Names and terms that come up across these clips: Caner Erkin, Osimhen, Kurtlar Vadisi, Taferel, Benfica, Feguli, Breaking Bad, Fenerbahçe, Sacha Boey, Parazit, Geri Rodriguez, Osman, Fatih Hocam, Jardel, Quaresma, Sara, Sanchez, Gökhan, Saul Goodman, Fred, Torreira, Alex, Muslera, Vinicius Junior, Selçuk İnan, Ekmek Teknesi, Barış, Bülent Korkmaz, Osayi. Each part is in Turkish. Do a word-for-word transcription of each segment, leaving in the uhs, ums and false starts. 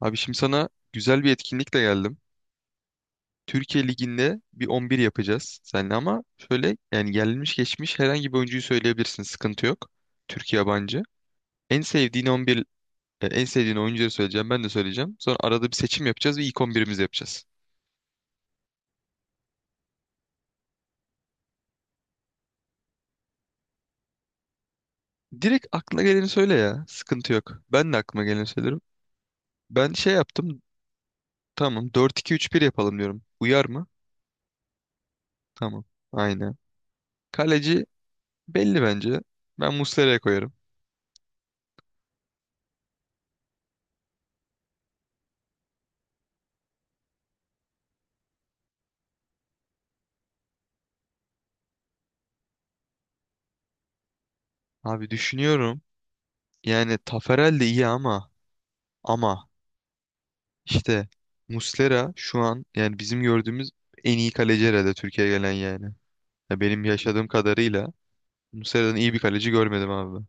Abi şimdi sana güzel bir etkinlikle geldim. Türkiye Ligi'nde bir on bir yapacağız seninle ama şöyle yani gelmiş geçmiş herhangi bir oyuncuyu söyleyebilirsin. Sıkıntı yok. Türk yabancı. En sevdiğin on bir e, en sevdiğin oyuncuları söyleyeceğim. Ben de söyleyeceğim. Sonra arada bir seçim yapacağız ve ilk on birimizi yapacağız. Direkt aklına geleni söyle ya. Sıkıntı yok. Ben de aklıma geleni söylerim. Ben şey yaptım. Tamam, dört iki-üç bir yapalım diyorum. Uyar mı? Tamam. Aynen. Kaleci belli bence. Ben Muslera'ya koyarım. Abi düşünüyorum. Yani Taferel de iyi ama ama işte Muslera şu an yani bizim gördüğümüz en iyi kaleci herhalde Türkiye'ye gelen yani. Ya benim yaşadığım kadarıyla Muslera'dan iyi bir kaleci görmedim abi.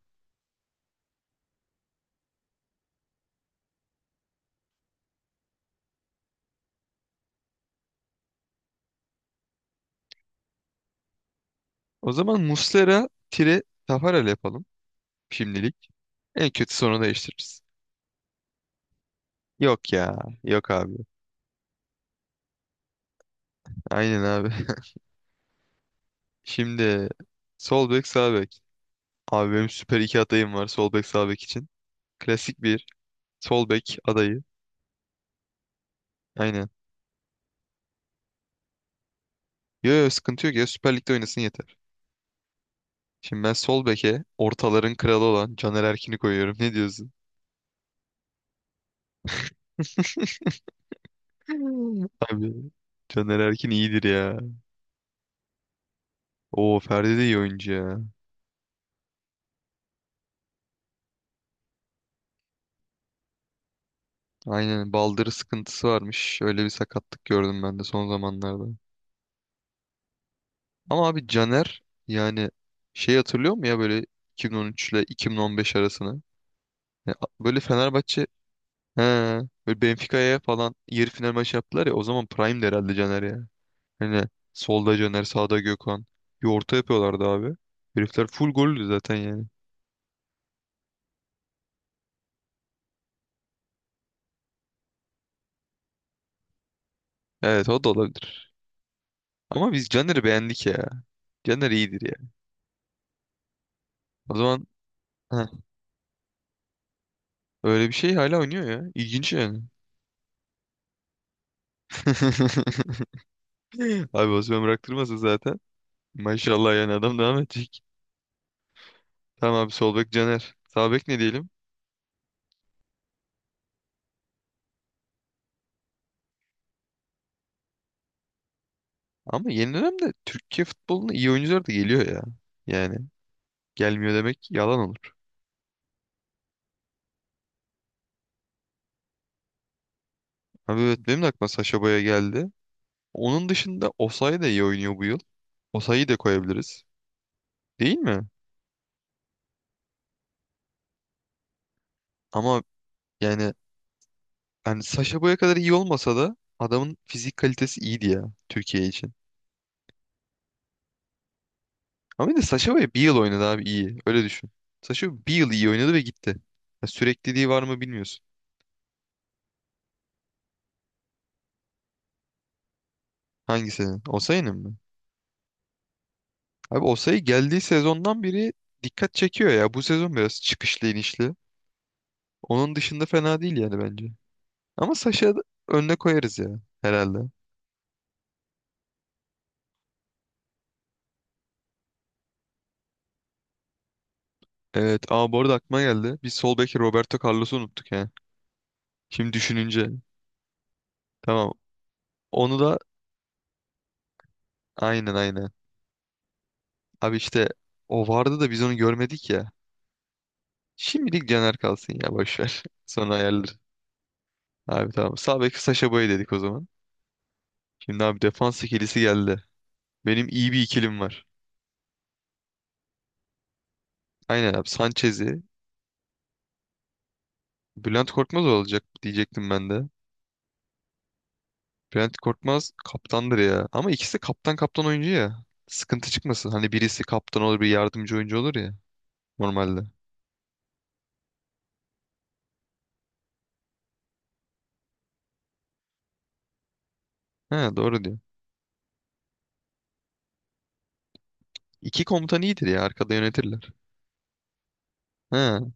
O zaman Muslera tire Taferel yapalım şimdilik. En kötü sonra değiştiririz. Yok ya. Yok abi. Aynen abi. Şimdi sol bek sağ bek. Abi benim süper iki adayım var sol bek sağ bek için. Klasik bir sol bek adayı. Aynen. Yo yo, sıkıntı yok ya, Süper Lig'de oynasın yeter. Şimdi ben sol beke ortaların kralı olan Caner Erkin'i koyuyorum. Ne diyorsun? Hmm. Abi Caner Erkin iyidir ya. Oo, Ferdi de iyi oyuncu ya. Aynen, baldırı sıkıntısı varmış. Öyle bir sakatlık gördüm ben de son zamanlarda. Ama abi Caner yani şey hatırlıyor mu ya böyle iki bin on üç ile iki bin on beş arasını? Ya, böyle Fenerbahçe, he, böyle Benfica'ya falan yarı final maçı yaptılar ya, o zaman Prime'di herhalde Caner ya. Hani solda Caner, sağda Gökhan. Bir orta yapıyorlardı abi. Herifler full gollü zaten yani. Evet, o da olabilir. Ama biz Caner'i beğendik ya. Caner iyidir ya. O zaman heh, öyle bir şey hala oynuyor ya. İlginç yani. Abi Osman bıraktırmasın zaten. Maşallah, yani adam devam edecek. Tamam abi, sol bek Caner. Sağ bek ne diyelim? Ama yeni dönemde Türkiye futboluna iyi oyuncular da geliyor ya. Yani gelmiyor demek yalan olur. Abi evet, benim de aklıma Sacha Boey geldi. Onun dışında Osayi de iyi oynuyor bu yıl. Osayi'yi de koyabiliriz. Değil mi? Ama yani hani Sacha Boey'e kadar iyi olmasa da adamın fizik kalitesi iyiydi ya Türkiye için. Ama bir de Sacha Boey bir yıl oynadı abi iyi. Öyle düşün. Sacha Boey bir yıl iyi oynadı ve gitti. Ya sürekliliği var mı bilmiyorsun. Hangisinin? Osayi'nin mi? Abi Osayi geldiği sezondan beri dikkat çekiyor ya. Bu sezon biraz çıkışlı inişli. Onun dışında fena değil yani bence. Ama Sasha önüne koyarız ya herhalde. Evet, ama bu arada aklıma geldi. Biz sol beki Roberto Carlos'u unuttuk ya. Şimdi düşününce. Tamam. Onu da, aynen aynen. Abi işte o vardı da biz onu görmedik ya. Şimdilik Caner kalsın ya, boş ver. Sonra ayarlar. Abi tamam. Sağ bek Sasha Boy dedik o zaman. Şimdi abi defans ikilisi geldi. Benim iyi bir ikilim var. Aynen abi Sanchez'i, Bülent Korkmaz olacak diyecektim ben de. Bülent Korkmaz kaptandır ya. Ama ikisi de kaptan kaptan oyuncu ya. Sıkıntı çıkmasın. Hani birisi kaptan olur, bir yardımcı oyuncu olur ya normalde. He, doğru diyor. İki komutan iyidir ya, arkada yönetirler. He.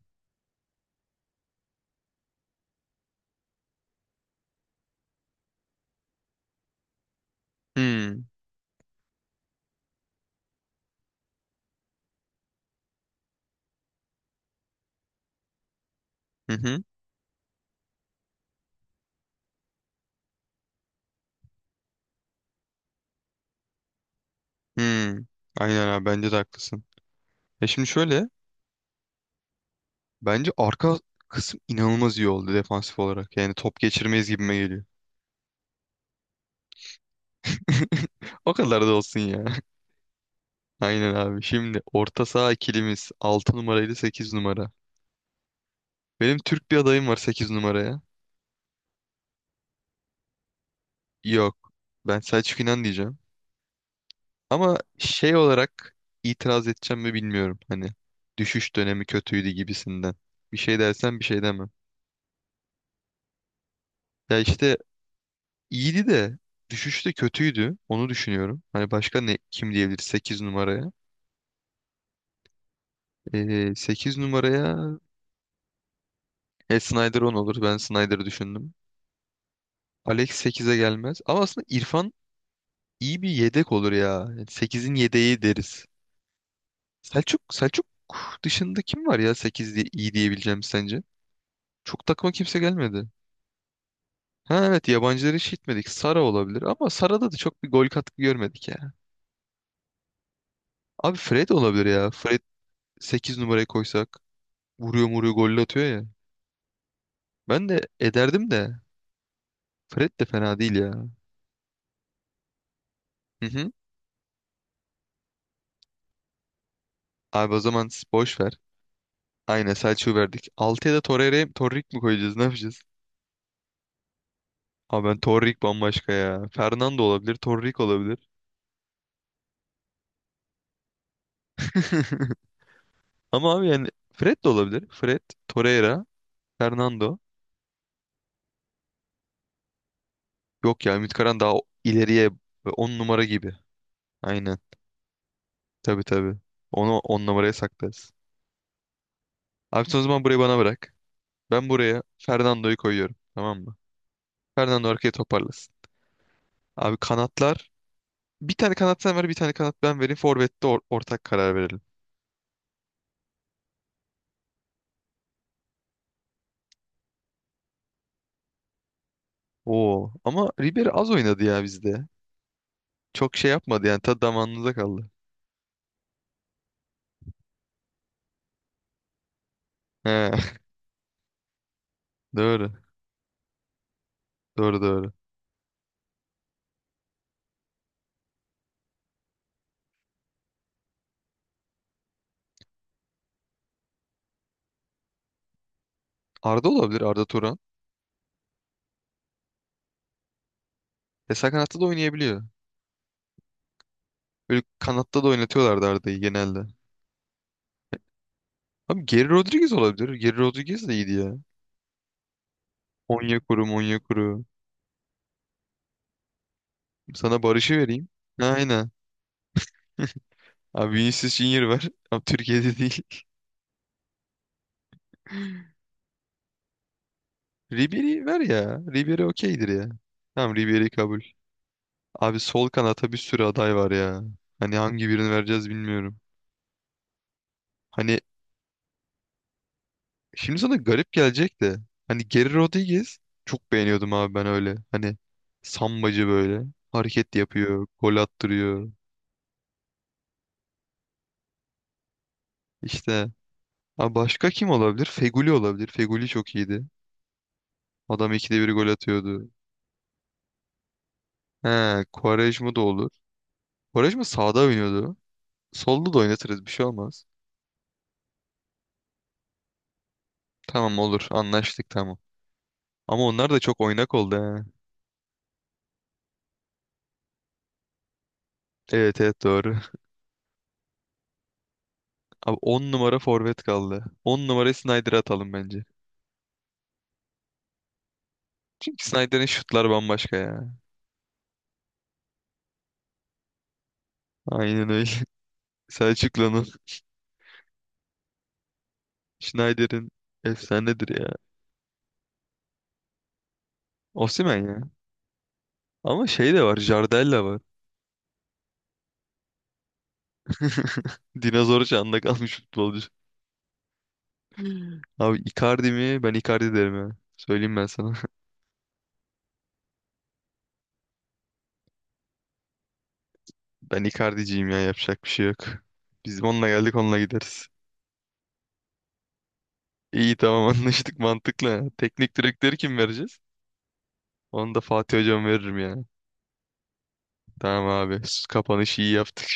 Hmm. Hı hı. Hmm. Aynen abi, bence de haklısın. E şimdi şöyle, bence arka kısım inanılmaz iyi oldu defansif olarak. Yani top geçirmeyiz gibime geliyor. O kadar da olsun ya. Aynen abi. Şimdi orta saha ikilimiz altı numara ile sekiz numara. Benim Türk bir adayım var sekiz numaraya. Yok. Ben Selçuk İnan diyeceğim. Ama şey olarak itiraz edeceğim mi bilmiyorum. Hani düşüş dönemi kötüydü gibisinden. Bir şey dersen bir şey demem. Ya işte iyiydi de düşüşte de kötüydü. Onu düşünüyorum. Hani başka ne kim diyebilir sekiz numaraya? Ee, sekiz numaraya, e, Snyder on olur. Ben Snyder'ı düşündüm. Alex sekize gelmez. Ama aslında İrfan iyi bir yedek olur ya. Yani sekizin yedeği deriz. Selçuk, Selçuk dışında kim var ya sekiz diye iyi diyebileceğim sence? Çok takıma kimse gelmedi. Ha evet, yabancıları hiç gitmedik. Sara olabilir ama Sara'da da çok bir gol katkı görmedik ya. Abi Fred olabilir ya. Fred sekiz numaraya koysak vuruyor vuruyor golle atıyor ya. Ben de ederdim de Fred de fena değil ya. Hı hı. Abi o zaman boş ver. Aynen, Selçuk'u verdik. Altıya da Torreira'ya, Torrik mi koyacağız, ne yapacağız? Abi ben Torrik bambaşka ya. Fernando olabilir, Torrik olabilir. Ama abi yani Fred de olabilir. Fred, Torreira, Fernando. Yok ya, Ümit Karan daha o- ileriye, on numara gibi. Aynen. Tabii tabii. Onu on numaraya saklarız. Abi sen o zaman burayı bana bırak. Ben buraya Fernando'yu koyuyorum. Tamam mı? Fernando arkaya toparlasın. Abi kanatlar. Bir tane kanat sen ver, bir tane kanat ben vereyim. Forvet'te or- ortak karar verelim. Oo. Ama Ribery az oynadı ya bizde. Çok şey yapmadı yani. Tadı damağınıza kaldı. He. Doğru. Doğru doğru. Arda olabilir. Arda Turan. E, sağ kanatta da oynayabiliyor. Böyle kanatta da oynatıyorlardı Arda'yı genelde. Abi Geri Rodriguez olabilir. Geri Rodriguez de iyiydi ya. Onyekuru, Onyekuru. Sana Barış'ı vereyim. Aynen. Abi Vinicius Junior ver. Abi Türkiye'de değil. Ribery ver ya. Ribery okeydir ya. Tamam, Ribery kabul. Abi sol kanata bir sürü aday var ya. Hani hangi birini vereceğiz bilmiyorum. Hani şimdi sana garip gelecek de. Hani Geri Rodriguez çok beğeniyordum abi ben öyle. Hani sambacı böyle. Hareket yapıyor. Gol attırıyor. İşte, abi başka kim olabilir? Feguli olabilir. Feguli çok iyiydi. Adam ikide bir gol atıyordu. He, Quaresma da olur. Quaresma sağda oynuyordu. Solda da oynatırız, bir şey olmaz. Tamam, olur, anlaştık tamam. Ama onlar da çok oynak oldu he. Evet evet, doğru. Abi on numara forvet kaldı. on numarayı Snyder'a atalım bence. Çünkü Snyder'in şutları bambaşka ya. Aynen öyle. Selçuklu'nun, Snyder'in, efsanedir ya. Osimhen ya. Ama şey de var, Jardel de var. Dinozor çağında kalmış futbolcu. Abi Icardi mi? Ben Icardi derim ya. Söyleyeyim ben sana. Ben Icardi'ciyim ya, yapacak bir şey yok. Biz onunla geldik onunla gideriz. İyi tamam, anlaştık, mantıklı. Teknik direktörü kim vereceğiz? Onu da Fatih Hocam veririm ya. Tamam abi. Kapanışı iyi yaptın.